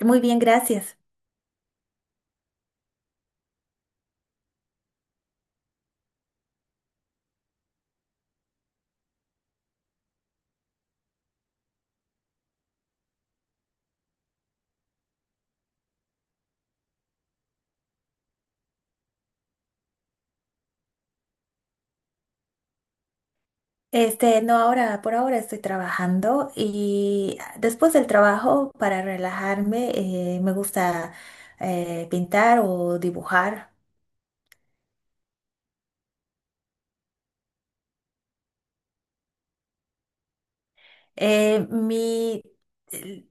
Muy bien, gracias. No, por ahora estoy trabajando y después del trabajo, para relajarme, me gusta pintar o dibujar. Eh, mi, el-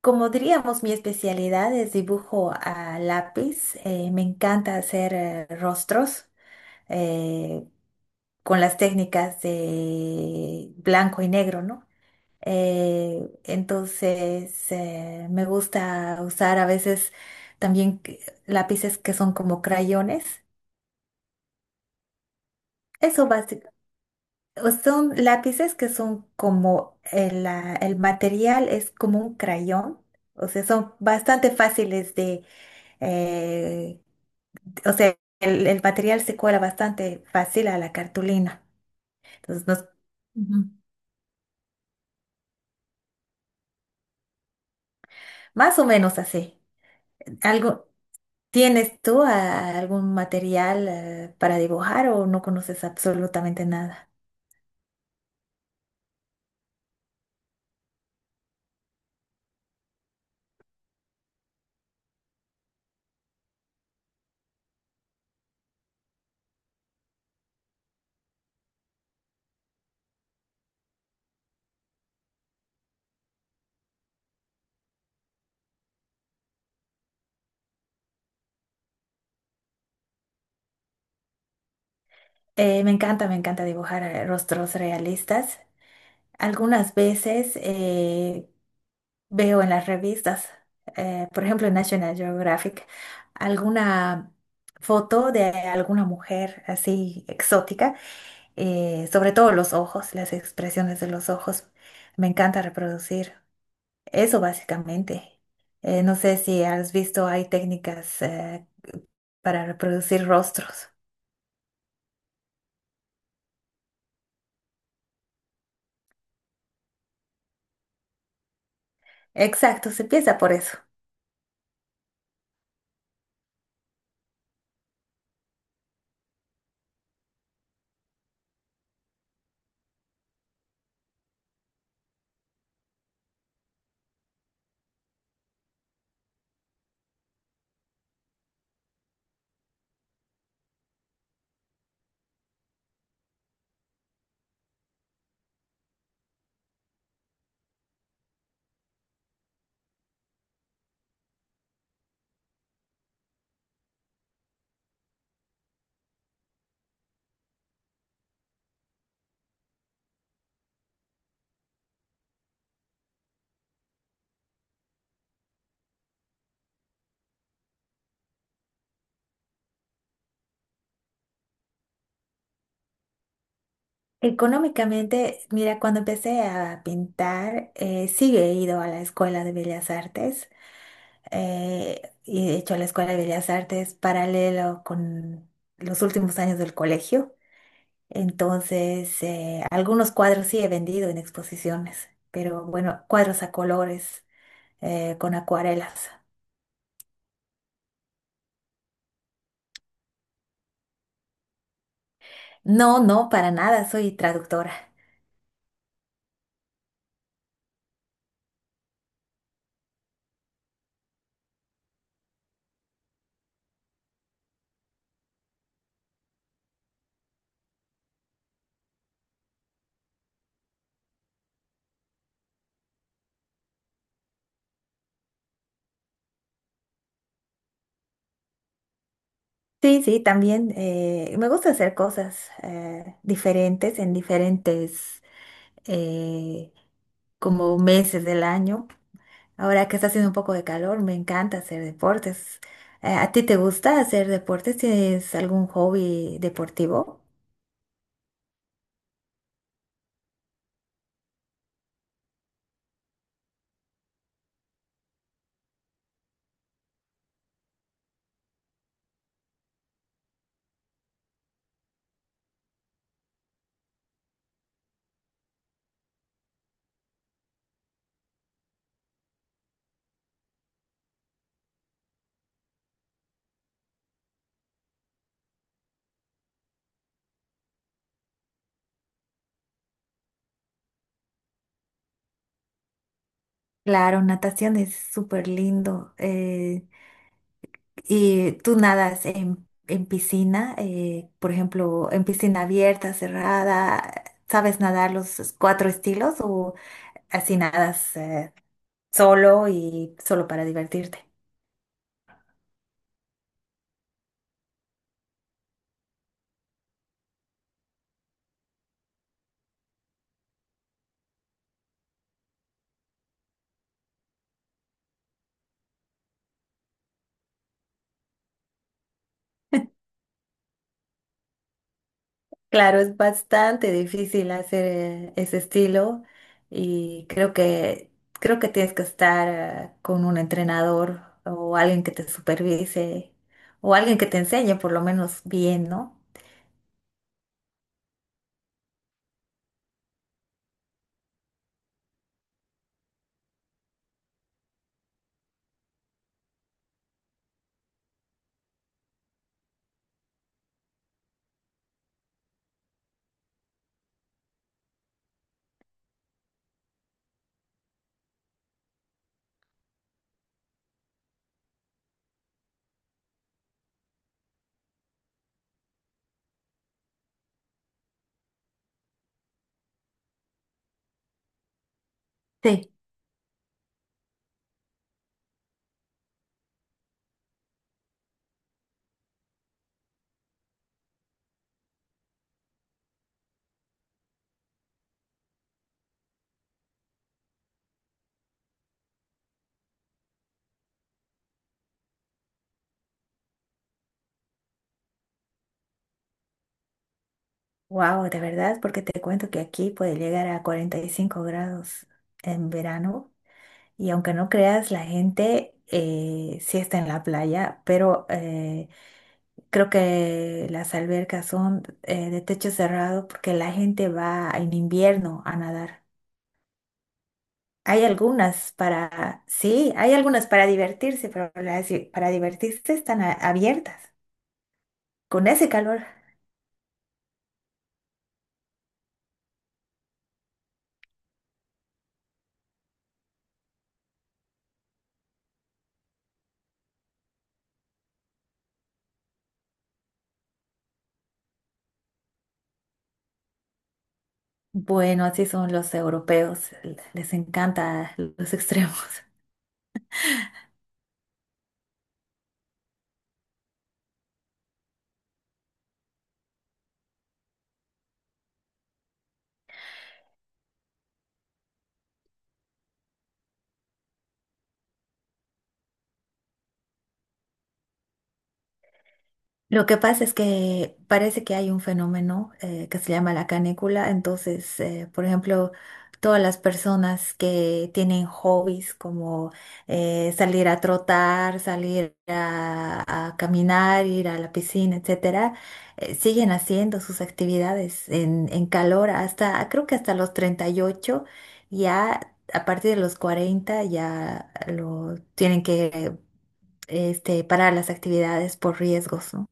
Como diríamos, mi especialidad es dibujo a lápiz. Me encanta hacer rostros eh, con las técnicas de blanco y negro, ¿no? Entonces, me gusta usar a veces también lápices que son como crayones. Eso basi- Son lápices que son como el material es como un crayón. O sea, son bastante fáciles de, eh, o sea, el material se cuela bastante fácil a la cartulina. Entonces, nos- Ujú. Más o menos así. Algo. ¿Tienes tú algún material para dibujar o no conoces absolutamente nada? Me encanta, me encanta dibujar rostros realistas. Algunas veces veo en las revistas, por ejemplo en National Geographic, alguna foto de alguna mujer así exótica, sobre todo los ojos, las expresiones de los ojos. Me encanta reproducir. Eso básicamente. No sé si has visto, hay técnicas para reproducir rostros. Exacto, se empieza por eso. Económicamente, mira, cuando empecé a pintar, sí he ido a la Escuela de Bellas Artes y he hecho la Escuela de Bellas Artes paralelo con los últimos años del colegio. Entonces, algunos cuadros sí he vendido en exposiciones, pero bueno, cuadros a colores con acuarelas. No, no, para nada, soy traductora. Sí, sí, también me gusta hacer cosas diferentes en diferentes eh, como meses del año. Ahora que está haciendo un poco de calor, me encanta hacer deportes. ¿A ti te gusta hacer deportes? ¿Tienes algún hobby deportivo? Claro, natación es súper lindo. ¿Y tú nadas en piscina? Por ejemplo, en piscina abierta, cerrada. ¿Sabes nadar los cuatro estilos o así nadas solo y solo para divertirte? Claro, es bastante difícil hacer ese estilo y creo que tienes que estar con un entrenador o alguien que te supervise o alguien que te enseñe por lo menos bien, ¿no? Sí. Wow, de verdad, porque te cuento que aquí puede llegar a 45 grados en verano y aunque no creas, la gente sí está en la playa, pero creo que las albercas son de techo cerrado porque la gente va en invierno a nadar. Hay algunas para, sí, hay algunas para divertirse, pero para divertirse están abiertas con ese calor. Bueno, así son los europeos, les encanta los extremos. Lo que pasa es que parece que hay un fenómeno que se llama la canícula. Entonces, por ejemplo, todas las personas que tienen hobbies como salir a trotar, salir a caminar, ir a la piscina, etcétera, siguen haciendo sus actividades en calor hasta, creo que hasta los 38, ya a partir de los 40 ya lo tienen que parar las actividades por riesgos, ¿no?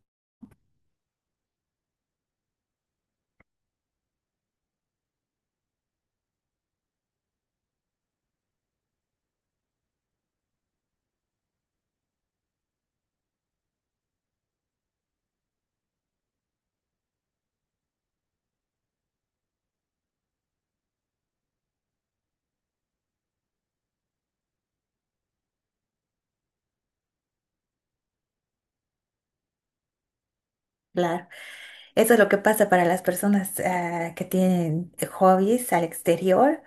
Claro, eso es lo que pasa para las personas que tienen hobbies al exterior.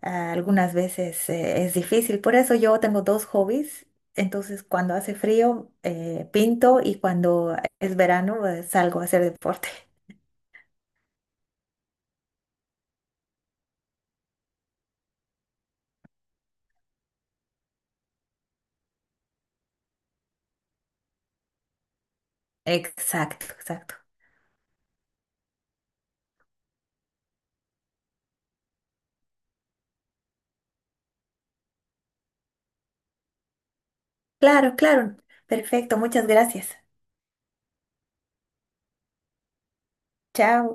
Algunas veces es difícil, por eso yo tengo dos hobbies. Entonces, cuando hace frío, pinto y cuando es verano, salgo a hacer deporte. Exacto, exacto. Claro, claro. Perfecto, muchas gracias. Chao.